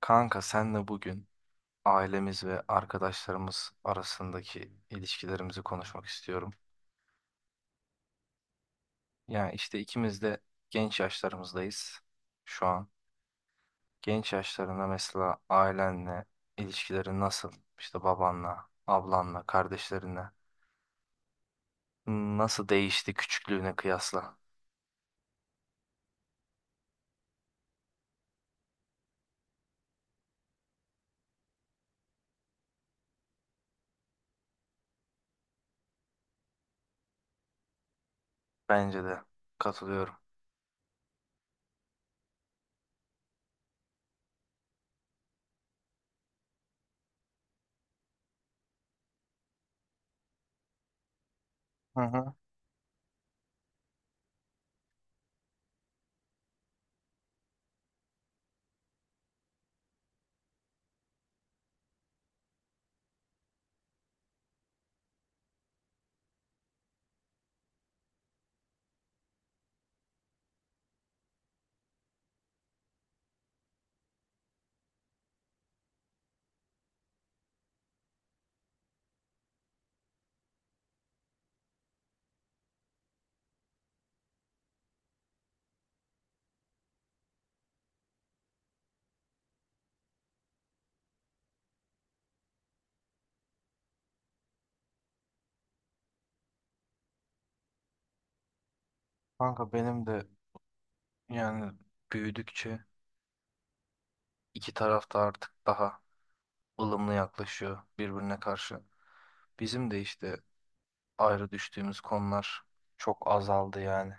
Kanka senle bugün ailemiz ve arkadaşlarımız arasındaki ilişkilerimizi konuşmak istiyorum. Yani işte ikimiz de genç yaşlarımızdayız şu an. Genç yaşlarında mesela ailenle ilişkilerin nasıl? İşte babanla, ablanla, kardeşlerinle nasıl değişti küçüklüğüne kıyasla? Bence de katılıyorum. Hı hı. Kanka benim de yani büyüdükçe iki taraf da artık daha ılımlı yaklaşıyor birbirine karşı. Bizim de işte ayrı düştüğümüz konular çok azaldı yani.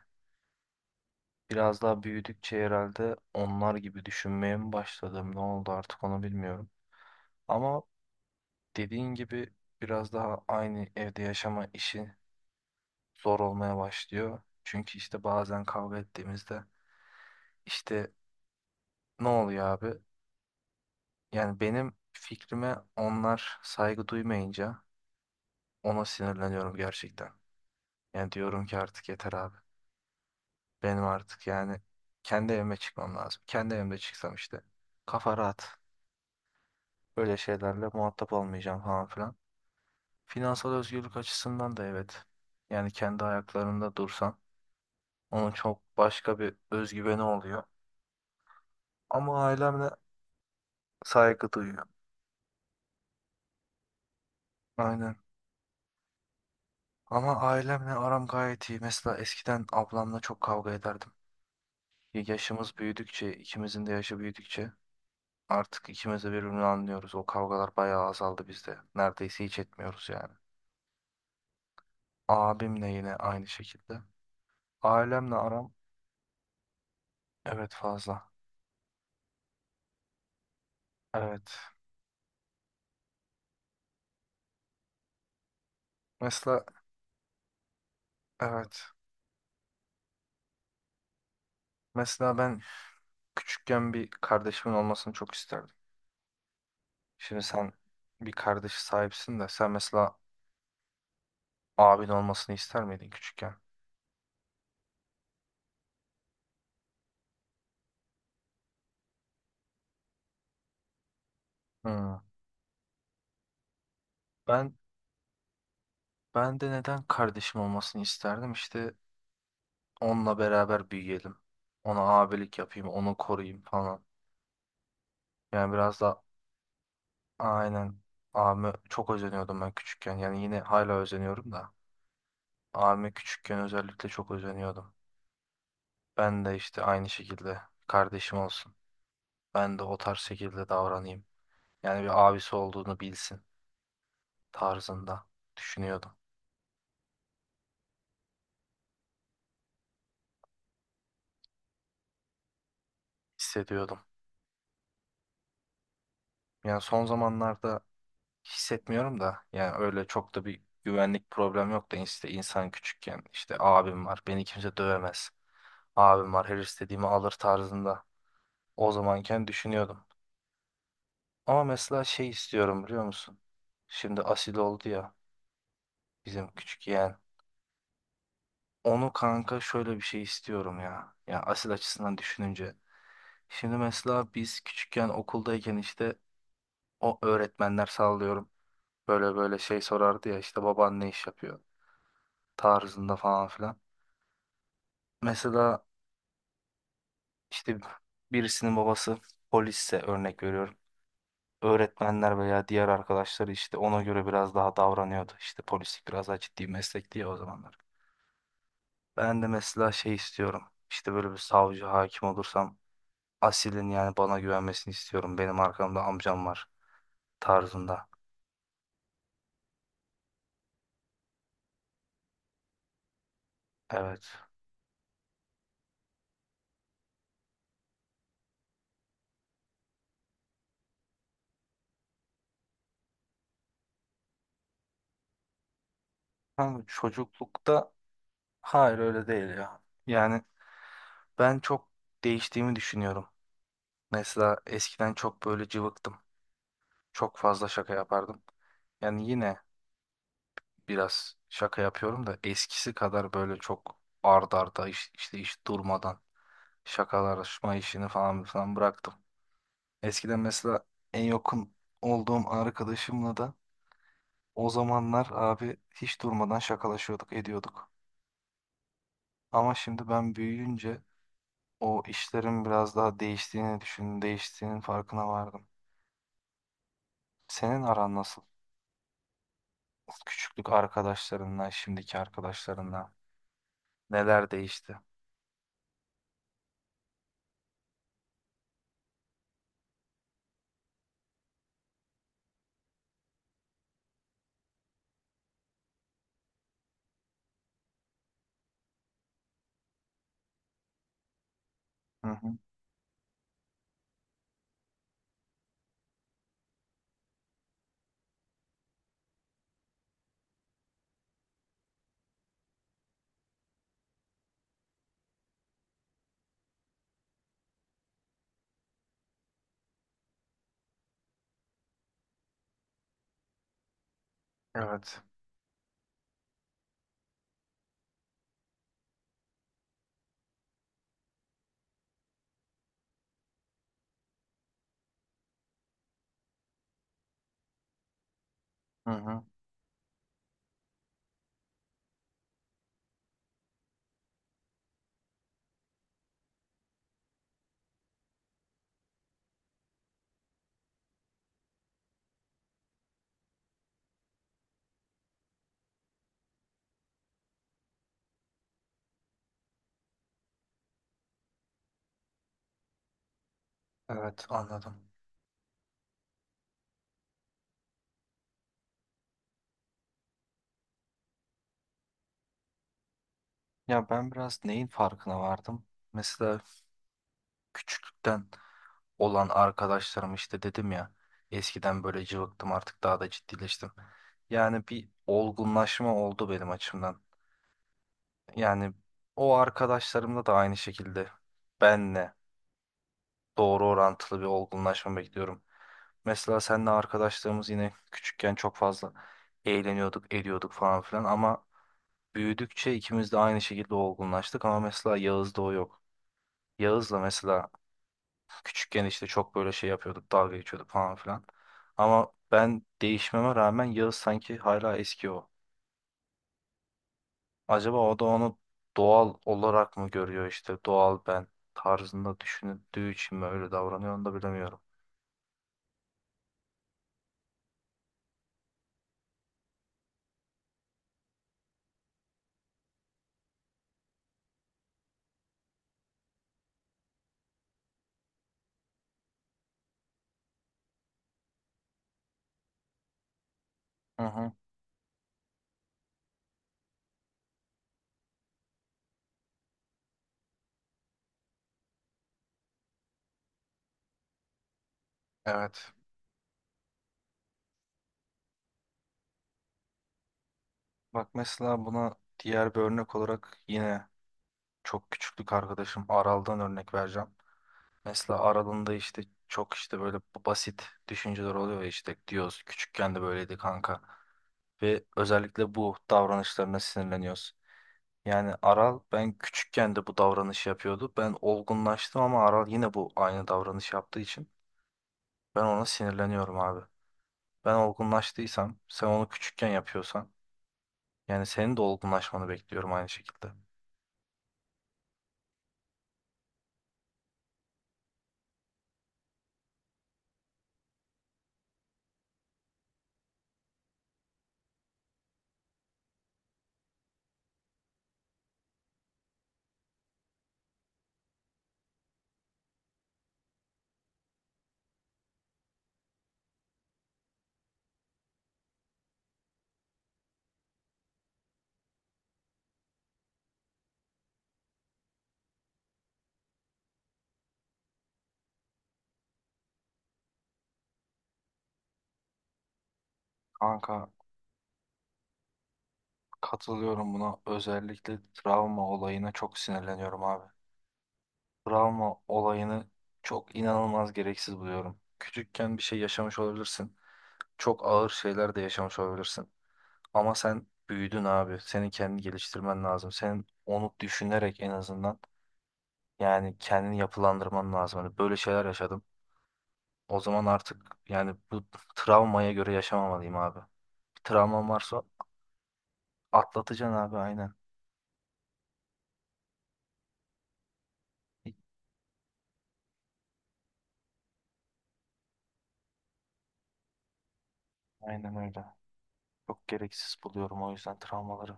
Biraz daha büyüdükçe herhalde onlar gibi düşünmeye mi başladım, ne oldu artık onu bilmiyorum. Ama dediğin gibi biraz daha aynı evde yaşama işi zor olmaya başlıyor. Çünkü işte bazen kavga ettiğimizde işte ne oluyor abi? Yani benim fikrime onlar saygı duymayınca ona sinirleniyorum gerçekten. Yani diyorum ki artık yeter abi. Benim artık yani kendi evime çıkmam lazım. Kendi evimde çıksam işte kafa rahat. Böyle şeylerle muhatap olmayacağım falan filan. Finansal özgürlük açısından da evet. Yani kendi ayaklarında dursan onun çok başka bir özgüveni oluyor. Ama ailemle saygı duyuyor. Aynen. Ama ailemle aram gayet iyi. Mesela eskiden ablamla çok kavga ederdim. Yaşımız büyüdükçe, ikimizin de yaşı büyüdükçe artık ikimiz de birbirini anlıyoruz. O kavgalar bayağı azaldı bizde. Neredeyse hiç etmiyoruz yani. Abimle yine aynı şekilde. Ailemle aram evet fazla. Evet. Mesela evet. Mesela ben küçükken bir kardeşimin olmasını çok isterdim. Şimdi sen bir kardeş sahipsin de sen mesela abin olmasını ister miydin küçükken? Hmm. Ben ben de neden kardeşim olmasını isterdim? İşte onunla beraber büyüyelim. Ona abilik yapayım, onu koruyayım falan. Yani biraz da aynen abime çok özeniyordum ben küçükken. Yani yine hala özeniyorum da. Abime küçükken özellikle çok özeniyordum. Ben de işte aynı şekilde kardeşim olsun. Ben de o tarz şekilde davranayım. Yani bir abisi olduğunu bilsin tarzında düşünüyordum, hissediyordum. Yani son zamanlarda hissetmiyorum da yani öyle çok da bir güvenlik problem yok da işte insan küçükken işte abim var beni kimse dövemez. Abim var her istediğimi alır tarzında o zamanken düşünüyordum. Ama mesela şey istiyorum biliyor musun? Şimdi asil oldu ya bizim küçük yeğen. Onu kanka şöyle bir şey istiyorum ya. Ya asil açısından düşününce. Şimdi mesela biz küçükken okuldayken işte o öğretmenler sallıyorum. Böyle böyle şey sorardı ya işte baban ne iş yapıyor tarzında falan filan. Mesela işte birisinin babası polisse örnek veriyorum. Öğretmenler veya diğer arkadaşları işte ona göre biraz daha davranıyordu. İşte polislik biraz daha ciddi bir meslek diye o zamanlar. Ben de mesela şey istiyorum. İşte böyle bir savcı hakim olursam Asil'in yani bana güvenmesini istiyorum. Benim arkamda amcam var tarzında. Evet. Ama çocuklukta hayır öyle değil ya. Yani ben çok değiştiğimi düşünüyorum. Mesela eskiden çok böyle cıvıktım. Çok fazla şaka yapardım. Yani yine biraz şaka yapıyorum da eskisi kadar böyle çok ard arda işte iş durmadan şakalaşma işini falan falan bıraktım. Eskiden mesela en yakın olduğum arkadaşımla da o zamanlar abi hiç durmadan şakalaşıyorduk, ediyorduk. Ama şimdi ben büyüyünce o işlerin biraz daha değiştiğini düşündüm, değiştiğinin farkına vardım. Senin aran nasıl? Küçüklük arkadaşlarınla, şimdiki arkadaşlarınla neler değişti? Hı hı. Evet. Hı hı. Evet, anladım. Ya ben biraz neyin farkına vardım? Mesela küçüklükten olan arkadaşlarım işte dedim ya eskiden böyle cıvıktım artık daha da ciddileştim. Yani bir olgunlaşma oldu benim açımdan. Yani o arkadaşlarımla da aynı şekilde benle doğru orantılı bir olgunlaşma bekliyorum. Mesela seninle arkadaşlarımız yine küçükken çok fazla eğleniyorduk, ediyorduk falan filan ama büyüdükçe ikimiz de aynı şekilde olgunlaştık ama mesela Yağız'da o yok. Yağız'la mesela küçükken işte çok böyle şey yapıyorduk, dalga geçiyorduk falan filan. Ama ben değişmeme rağmen Yağız sanki hala eski o. Acaba o da onu doğal olarak mı görüyor işte doğal ben tarzında düşündüğü için mi öyle davranıyor onu da bilemiyorum. Hı hı, evet. Bak mesela buna diğer bir örnek olarak yine çok küçüklük arkadaşım Aral'dan örnek vereceğim. Mesela Aral'ın da işte çok işte böyle basit düşünceler oluyor ya işte diyoruz küçükken de böyleydi kanka. Ve özellikle bu davranışlarına sinirleniyoruz. Yani Aral ben küçükken de bu davranışı yapıyordu. Ben olgunlaştım ama Aral yine bu aynı davranış yaptığı için ben ona sinirleniyorum abi. Ben olgunlaştıysam sen onu küçükken yapıyorsan yani senin de olgunlaşmanı bekliyorum aynı şekilde. Kanka katılıyorum buna. Özellikle travma olayına çok sinirleniyorum abi. Travma olayını çok inanılmaz gereksiz buluyorum. Küçükken bir şey yaşamış olabilirsin. Çok ağır şeyler de yaşamış olabilirsin. Ama sen büyüdün abi. Senin kendini geliştirmen lazım. Senin onu düşünerek en azından yani kendini yapılandırman lazım. Hani böyle şeyler yaşadım. O zaman artık yani bu travmaya göre yaşamamalıyım abi. Bir travman varsa atlatacaksın abi aynen. Aynen öyle. Çok gereksiz buluyorum o yüzden travmaları.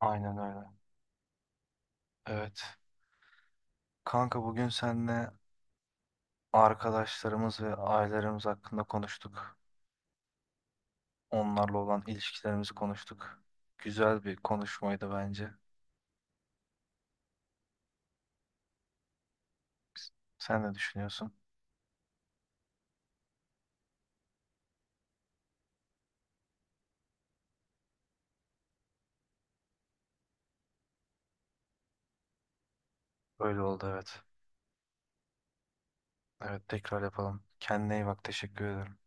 Aynen öyle. Evet. Kanka bugün seninle arkadaşlarımız ve ailelerimiz hakkında konuştuk. Onlarla olan ilişkilerimizi konuştuk. Güzel bir konuşmaydı bence. Sen ne düşünüyorsun? Öyle oldu evet. Evet tekrar yapalım. Kendine iyi bak. Teşekkür ederim.